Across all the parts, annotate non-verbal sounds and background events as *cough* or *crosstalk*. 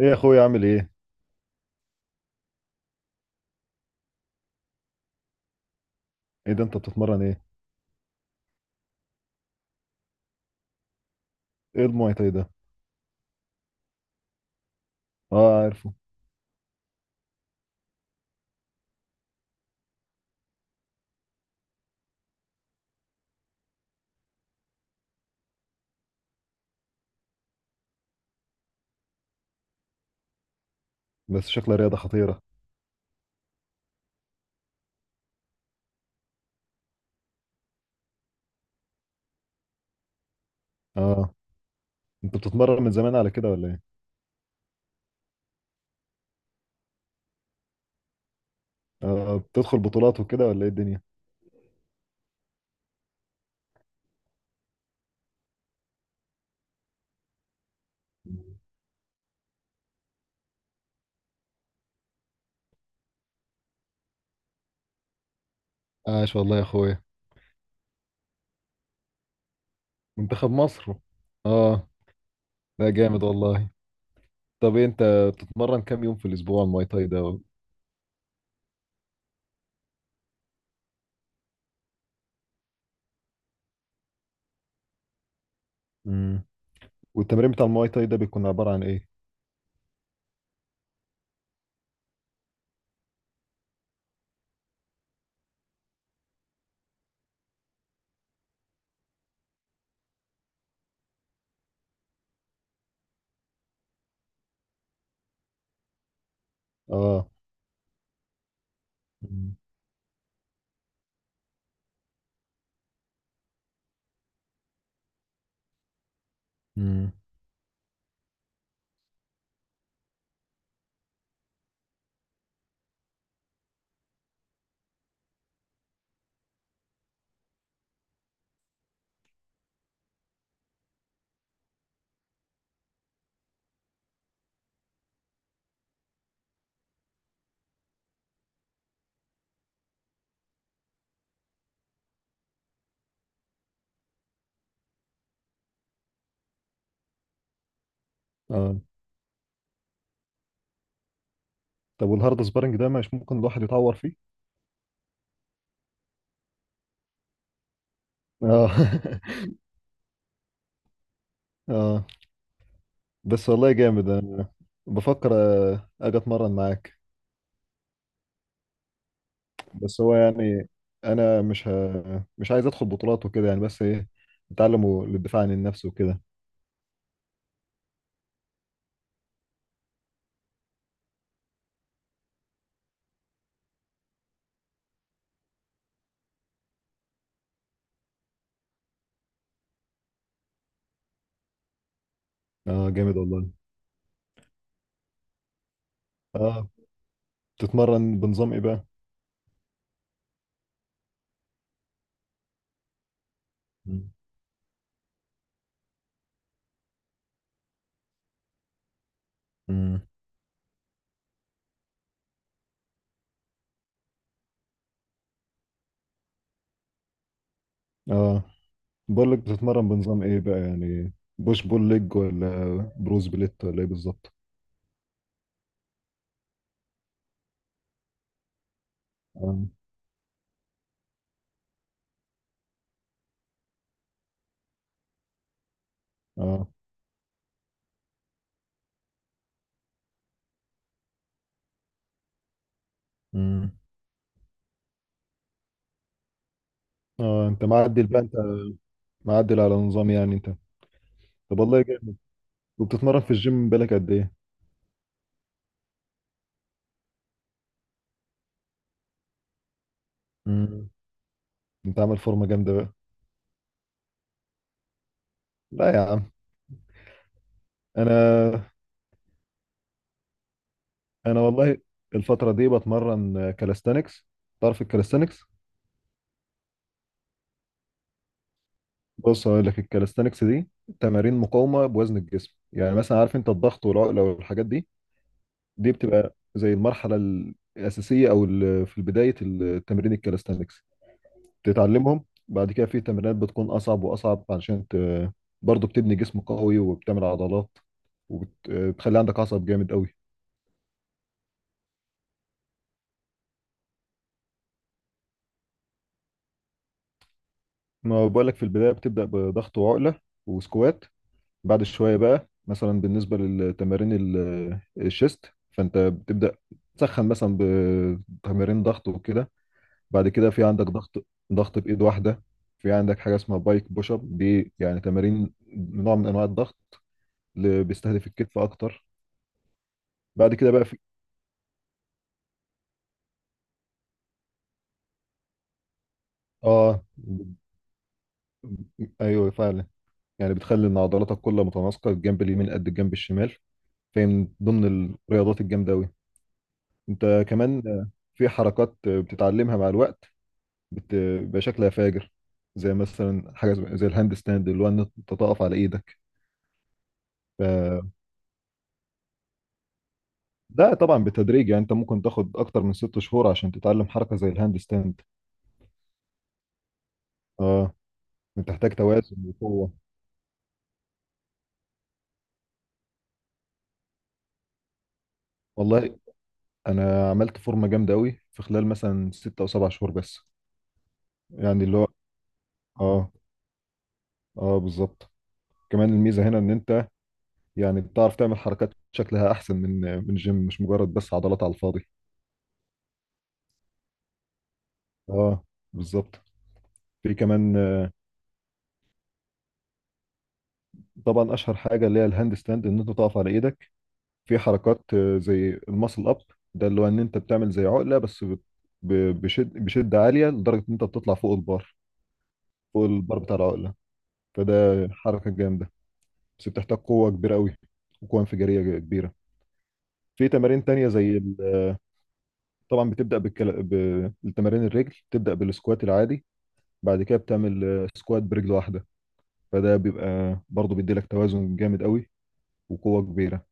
ايه يا اخويا؟ عامل ايه؟ ايه ده، انت بتتمرن ايه؟ ايه المواي تاي ده؟ اه عارفه. بس شكلها رياضة خطيرة. اه، انت بتتمرن من زمان على كده ولا ايه؟ اه، بتدخل بطولات وكده ولا ايه الدنيا؟ عاش والله يا اخويا. منتخب مصر. اه. لا جامد والله. طب إيه انت، بتتمرن كام يوم في الاسبوع المواي تاي ده؟ امم والتمرين بتاع المواي تاي ده بيكون عبارة عن ايه؟ اه. امم امم اه. طب والهارد سبارنج ده مش ممكن الواحد يتعور فيه؟ اه. *laughs* اه، بس والله جامد. انا بفكر اجي اتمرن معاك. بس هو يعني، انا مش عايز ادخل بطولات وكده يعني، بس ايه، اتعلم للدفاع عن النفس وكده. اه جامد والله. اه. بتتمرن بنظام ايه بقى؟ مم. مم. اه. بقول لك، بتتمرن بنظام ايه بقى يعني؟ بوش بول ليج، ولا بروز بليت، ولا ايه بالظبط؟ اه. اه. مم. اه، انت معدل بقى، انت معدل على نظام يعني انت. طب والله جامد. وبتتمرن في الجيم بالك قد ايه؟ مم. انت عامل فورمه جامده بقى. لا يا عم، انا، انا والله الفتره دي بتمرن كاليستانكس. تعرف الكاليستانكس؟ بص هقول لك، الكاليستانكس دي تمارين مقاومه بوزن الجسم. يعني مثلا، عارف انت الضغط والعقله والحاجات دي؟ دي بتبقى زي المرحله الاساسيه، في بدايه التمرين الكاليستانكس بتتعلمهم. بعد كده في تمرينات بتكون اصعب واصعب علشان برضه بتبني جسم قوي وبتعمل عضلات، وبتخلي عندك عصب جامد قوي. ما هو بقولك، في البداية بتبدأ بضغط وعقلة وسكوات. بعد شوية بقى، مثلا بالنسبة للتمارين الشيست، فأنت بتبدأ تسخن مثلا بتمارين ضغط وكده. بعد كده في عندك ضغط، ضغط بإيد واحدة. في عندك حاجة اسمها بايك بوش اب، دي يعني تمارين نوع من أنواع الضغط اللي بيستهدف الكتف أكتر. بعد كده بقى في آه أيوه فعلا. يعني بتخلي إن عضلاتك كلها متناسقة، الجنب اليمين قد الجنب الشمال. فهي من ضمن الرياضات الجامدة أوي. انت كمان في حركات بتتعلمها مع الوقت، بيبقى شكلها فاجر. زي مثلا حاجه زي، الهاند ستاند، اللي هو ان انت تقف على ايدك. ف... ده طبعا بالتدريج. يعني انت ممكن تاخد اكتر من ست شهور عشان تتعلم حركه زي الهاند ستاند. اه، بتحتاج توازن وقوه. والله انا عملت فورمه جامده قوي في خلال مثلا ست او سبع شهور بس. يعني اللي هو، اه. اه بالظبط. كمان الميزه هنا ان انت، يعني بتعرف تعمل حركات شكلها احسن من، من الجيم. مش مجرد بس عضلات على الفاضي. اه بالظبط. في كمان طبعا اشهر حاجه اللي هي الهاند ستاند، ان انت تقف على ايدك. في حركات زي الماسل اب. ده اللي هو ان انت بتعمل زي عقله، بشد، بشده عاليه لدرجه ان انت بتطلع فوق البار، فوق البار بتاع العقله. فده حركه جامده، بس بتحتاج قوه كبيره قوي وقوه انفجاريه كبيره. في تمارين تانية زي ال- آه، طبعا بتبدا بالتمارين الرجل، بتبدا بالسكوات العادي. بعد كده بتعمل سكوات برجل واحده. فده بيبقى برضه بيديلك توازن جامد قوي وقوة كبيرة.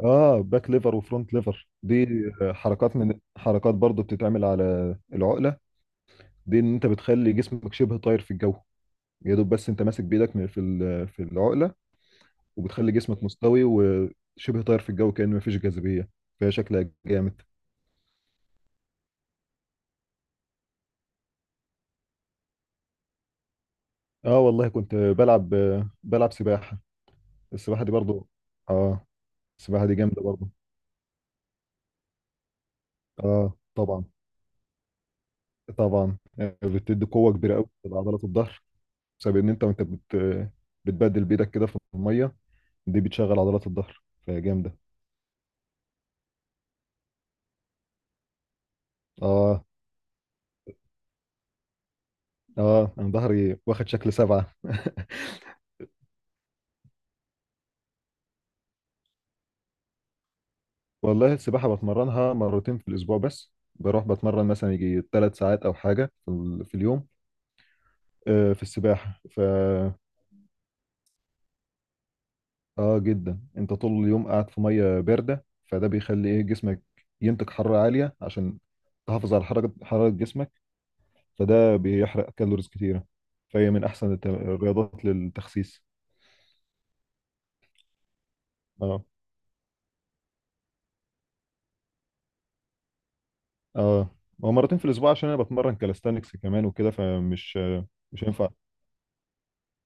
اه باك ليفر وفرونت ليفر دي، حركات من حركات برضو بتتعمل على العقلة. دي ان انت بتخلي جسمك شبه طاير في الجو، يا دوب بس انت ماسك بايدك في العقلة. وبتخلي جسمك مستوي وشبه طاير في الجو، كأنه مفيش جاذبية. فهي شكلها جامد. اه والله، كنت بلعب، بلعب سباحة. السباحة دي برضو، اه. السباحة دي جامدة برضو. اه طبعا. طبعا بتدي قوة كبيرة قوي لعضلات الظهر، بسبب ان انت، بتبدل بايدك كده في الميه. دي بتشغل عضلات الظهر فجامده. اه. اه، انا ظهري واخد شكل سبعه. والله السباحه بتمرنها مرتين في الاسبوع بس. بروح بتمرن مثلا يجي ثلاث ساعات او حاجه في اليوم. في السباحه ف، اه جدا. انت طول اليوم قاعد في ميه بارده، فده بيخلي ايه، جسمك ينتج حراره عاليه عشان تحافظ على حركه حراره جسمك. فده بيحرق كالوريز كتيره. فهي من احسن الرياضات للتخسيس. اه. اه، هو مرتين في الاسبوع عشان انا بتمرن كالستانكس كمان وكده، فمش، مش هينفع.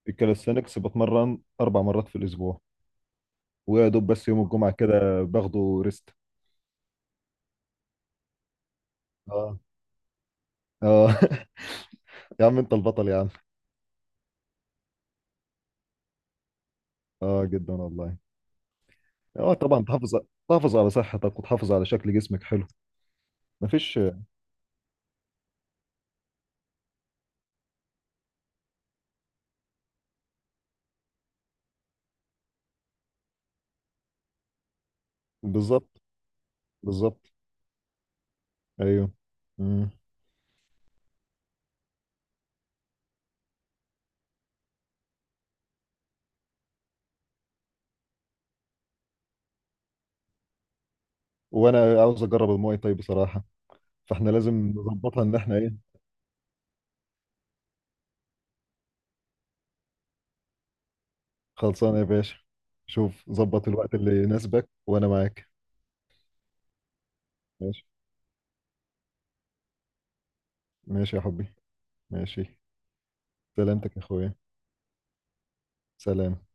الكالستانكس بتمرن اربع مرات في الاسبوع، ويا دوب بس يوم الجمعه كده باخده ريست. اه. اه *laughs* يا عم انت البطل يا عم. اه جدا والله. اه طبعا، تحافظ، تحافظ على صحتك وتحافظ على شكل جسمك حلو. مفيش. بالظبط، بالظبط. ايوه. مم. وانا عاوز اجرب الماي طيب بصراحه. فاحنا لازم نظبطها ان احنا ايه. خلصانه يا باشا. شوف ظبط الوقت اللي يناسبك وانا معاك. ماشي. ماشي يا حبي. ماشي. سلامتك يا اخويا. سلام.